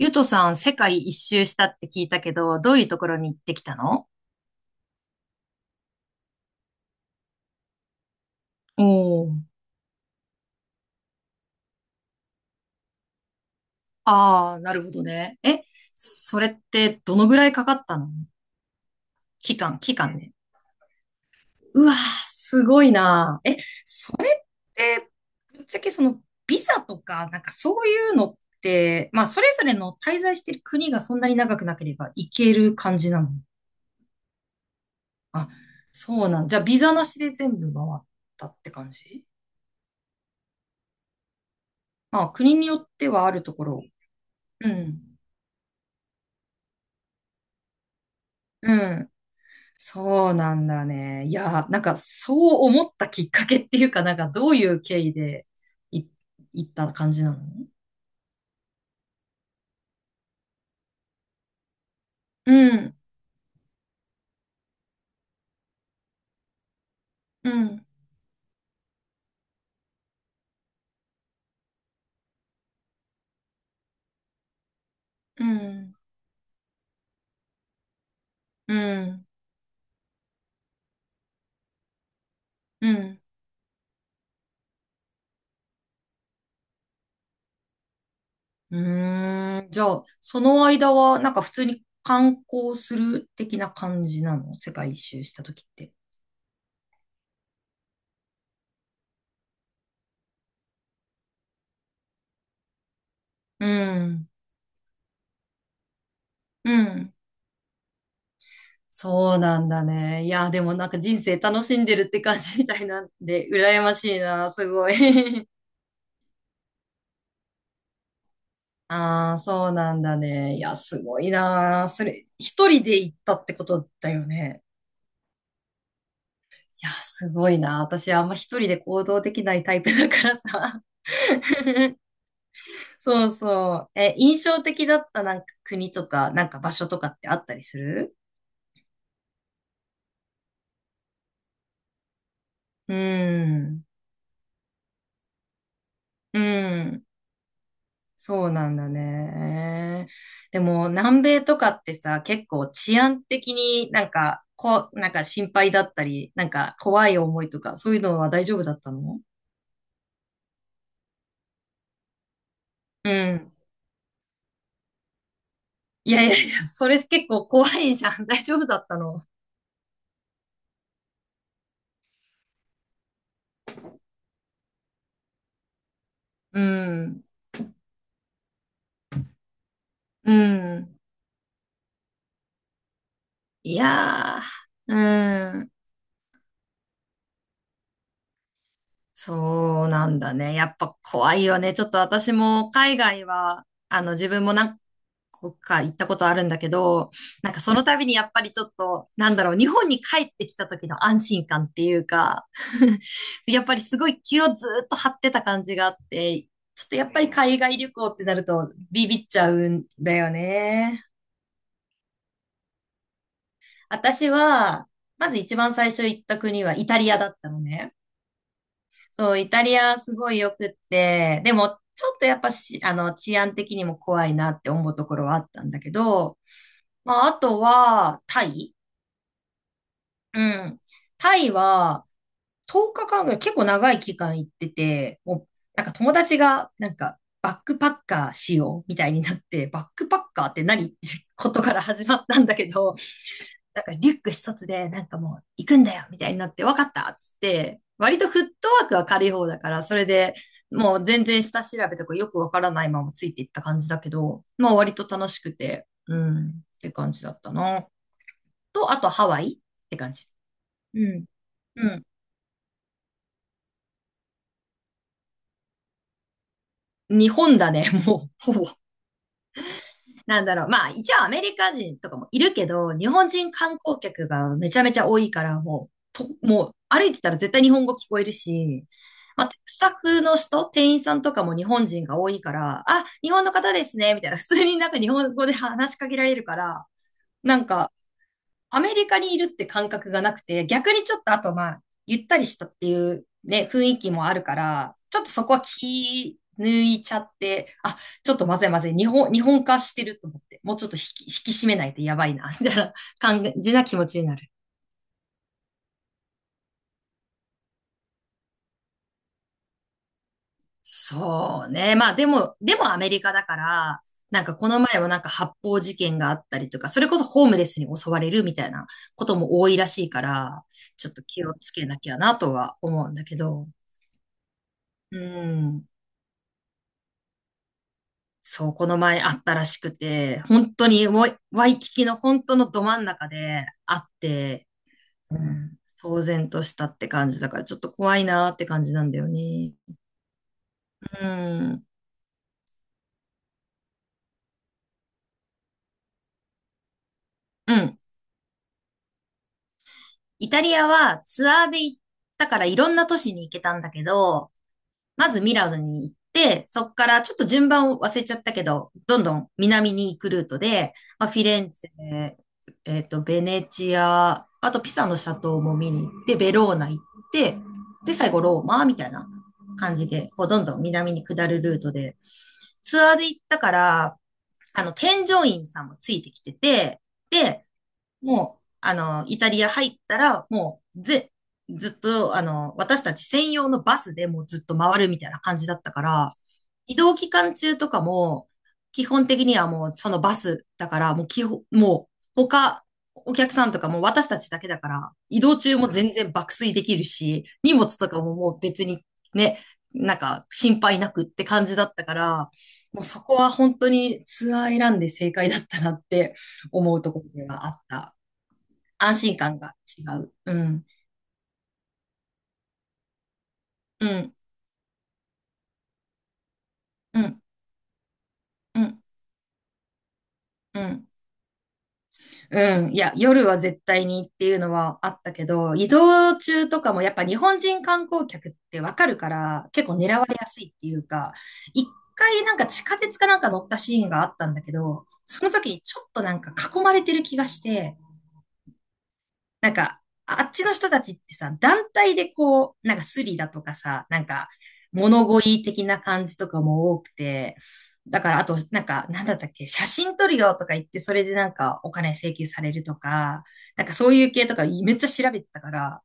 ゆとさん、世界一周したって聞いたけど、どういうところに行ってきたの？おー。ああー、なるほどね。それってどのぐらいかかったの？期間ね。うわー、すごいなー。それって、ぶっちゃけその、ビザとか、なんかそういうのって、まあ、それぞれの滞在してる国がそんなに長くなければ行ける感じなの？あ、そうなん。じゃあ、ビザなしで全部回ったって感じ？まあ、国によってはあるところ。うん。うん。そうなんだね。いや、なんかそう思ったきっかけっていうか、なんかどういう経緯でい、行った感じなの？うん、うん、うん、うん、うん。うーん。じゃあ、その間は、なんか普通に観光する的な感じなの？世界一周した時って。うん、うん。そうなんだね。いや、でもなんか人生楽しんでるって感じみたいなんで、羨ましいな、すごい。ああ、そうなんだね。いや、すごいなー。それ、一人で行ったってことだよね。いや、すごいな。私、あんま一人で行動できないタイプだからさ。そうそう。印象的だったなんか国とか、なんか場所とかってあったりする？うん。うん。そうなんだね。でも、南米とかってさ、結構治安的になんか、こう、なんか心配だったり、なんか怖い思いとか、そういうのは大丈夫だったの？うん。いやいやいや、それ結構怖いじゃん。大丈夫だったの。うん。うん。いやー、うん。そうなんだね。やっぱ怖いよね。ちょっと私も海外は、自分も何個か行ったことあるんだけど、なんかその度にやっぱりちょっと、なんだろう、日本に帰ってきた時の安心感っていうか、やっぱりすごい気をずーっと張ってた感じがあって、ちょっとやっぱり海外旅行ってなるとビビっちゃうんだよね。私は、まず一番最初行った国はイタリアだったのね。そう、イタリアすごい良くって、でもちょっとやっぱし、治安的にも怖いなって思うところはあったんだけど、まあ、あとは、タイ。うん。タイは、10日間ぐらい結構長い期間行ってて、もう、なんか友達が、なんか、バックパッカーしようみたいになって、バックパッカーって何ってことから始まったんだけど、なんかリュック一つで、なんかもう行くんだよみたいになって、わかったっつって、割とフットワークは軽い方だから、それでもう全然下調べとかよくわからないままついていった感じだけど、まあ割と楽しくて、うん、って感じだったな。あとハワイって感じ。うん。うん。日本だね、もう、ほぼ。なんだろう。まあ、一応アメリカ人とかもいるけど、日本人観光客がめちゃめちゃ多いから、もう、もう歩いてたら絶対日本語聞こえるし、まあ、スタッフの人、店員さんとかも日本人が多いから、あ、日本の方ですね、みたいな、普通になんか日本語で話しかけられるから、なんか、アメリカにいるって感覚がなくて、逆にちょっとあとまあ、ゆったりしたっていうね、雰囲気もあるから、ちょっとそこは気抜いちゃって、あ、ちょっとまずいまずい、日本化してると思って、もうちょっと引き締めないとやばいな、みたいな感じな気持ちになる。そうね。まあでもアメリカだから、なんかこの前もなんか発砲事件があったりとか、それこそホームレスに襲われるみたいなことも多いらしいから、ちょっと気をつけなきゃなとは思うんだけど。うん。そう、この前あったらしくて、本当にワイキキの本当のど真ん中であって、うん。騒然としたって感じだから、ちょっと怖いなーって感じなんだよね。うん。うん。イタリアはツアーで行ったからいろんな都市に行けたんだけど、まずミラノに行って、そこからちょっと順番を忘れちゃったけど、どんどん南に行くルートで、まあ、フィレンツェ、ベネチア、あとピサのシャトーも見に行って、ベローナ行って、で、最後ローマみたいな感じで、こう、どんどん南に下るルートで、ツアーで行ったから、添乗員さんもついてきてて、で、もう、イタリア入ったら、もう、ずっと、私たち専用のバスでもうずっと回るみたいな感じだったから、移動期間中とかも、基本的にはもうそのバスだから、もう他、お客さんとかも私たちだけだから、移動中も全然爆睡できるし、荷物とかももう別にね、なんか心配なくって感じだったから、もうそこは本当にツアー選んで正解だったなって思うところではあった。安心感が違う。うん。うん。うん。うん。うん。うん。いや、夜は絶対にっていうのはあったけど、移動中とかもやっぱ日本人観光客ってわかるから、結構狙われやすいっていうか、一回なんか地下鉄かなんか乗ったシーンがあったんだけど、その時にちょっとなんか囲まれてる気がして、なんか、あっちの人たちってさ、団体でこう、なんかスリだとかさ、なんか物乞い的な感じとかも多くて、だからあと、なんか、なんだったっけ、写真撮るよとか言って、それでなんかお金請求されるとか、なんかそういう系とかめっちゃ調べてたから、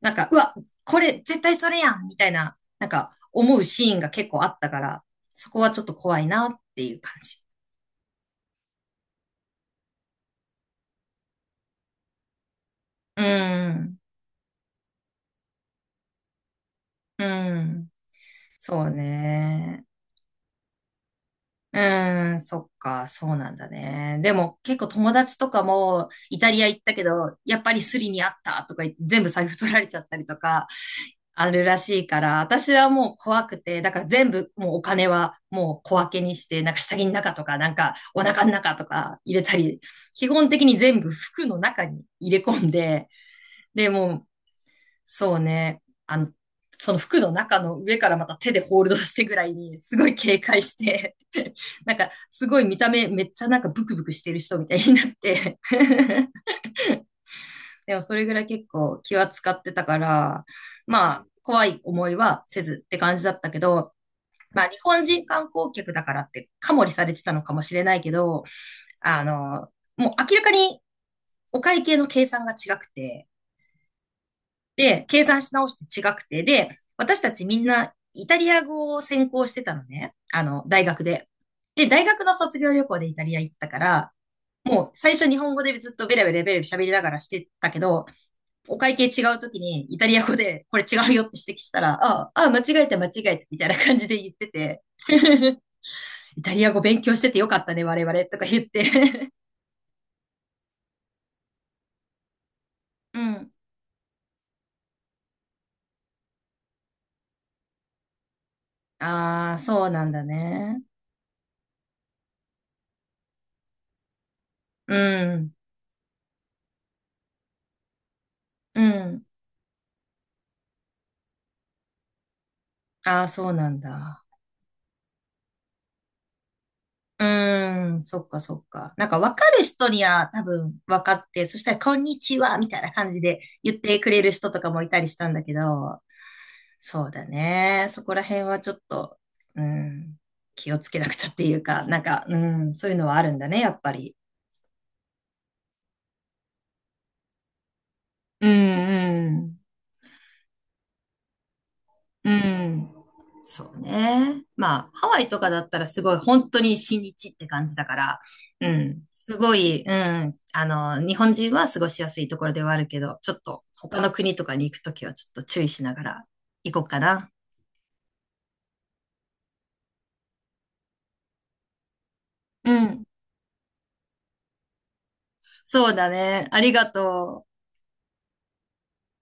なんか、うわ、これ絶対それやんみたいな、なんか思うシーンが結構あったから、そこはちょっと怖いなっていう感じ。うん、うん、そうね。うーん、そっか、そうなんだね。でも結構友達とかもイタリア行ったけど、やっぱりスリにあったとか言って全部財布取られちゃったりとかあるらしいから、私はもう怖くて、だから全部もうお金はもう小分けにして、なんか下着の中とか、なんかお腹の中とか入れたり、基本的に全部服の中に入れ込んで、で、もう、そうね。その服の中の上からまた手でホールドしてぐらいに、すごい警戒して、なんか、すごい見た目めっちゃなんかブクブクしてる人みたいになって でもそれぐらい結構気は使ってたから、まあ、怖い思いはせずって感じだったけど、まあ、日本人観光客だからってカモリされてたのかもしれないけど、あの、もう明らかにお会計の計算が違くて、で、計算し直して違くて、で、私たちみんなイタリア語を専攻してたのね。大学で。で、大学の卒業旅行でイタリア行ったから、もう最初日本語でずっとベラベラベラベラ喋りながらしてたけど、お会計違う時にイタリア語でこれ違うよって指摘したら、ああ間違えた間違えたみたいな感じで言ってて、イタリア語勉強しててよかったね、我々とか言って うん。ああ、そうなんだね。うん。うん。ああ、そうなんだ。うーん、そっかそっか。なんか分かる人には多分分かって、そしたらこんにちはみたいな感じで言ってくれる人とかもいたりしたんだけど、そうだね。そこら辺はちょっと、うん、気をつけなくちゃっていうか、なんか、うん、そういうのはあるんだね、やっぱり。うん、うん。うん。そうね。まあ、ハワイとかだったらすごい、本当に親日って感じだから、うん。すごい、うん。日本人は過ごしやすいところではあるけど、ちょっと他の国とかに行くときはちょっと注意しながら行こうかな。うん。そうだね。ありがとう。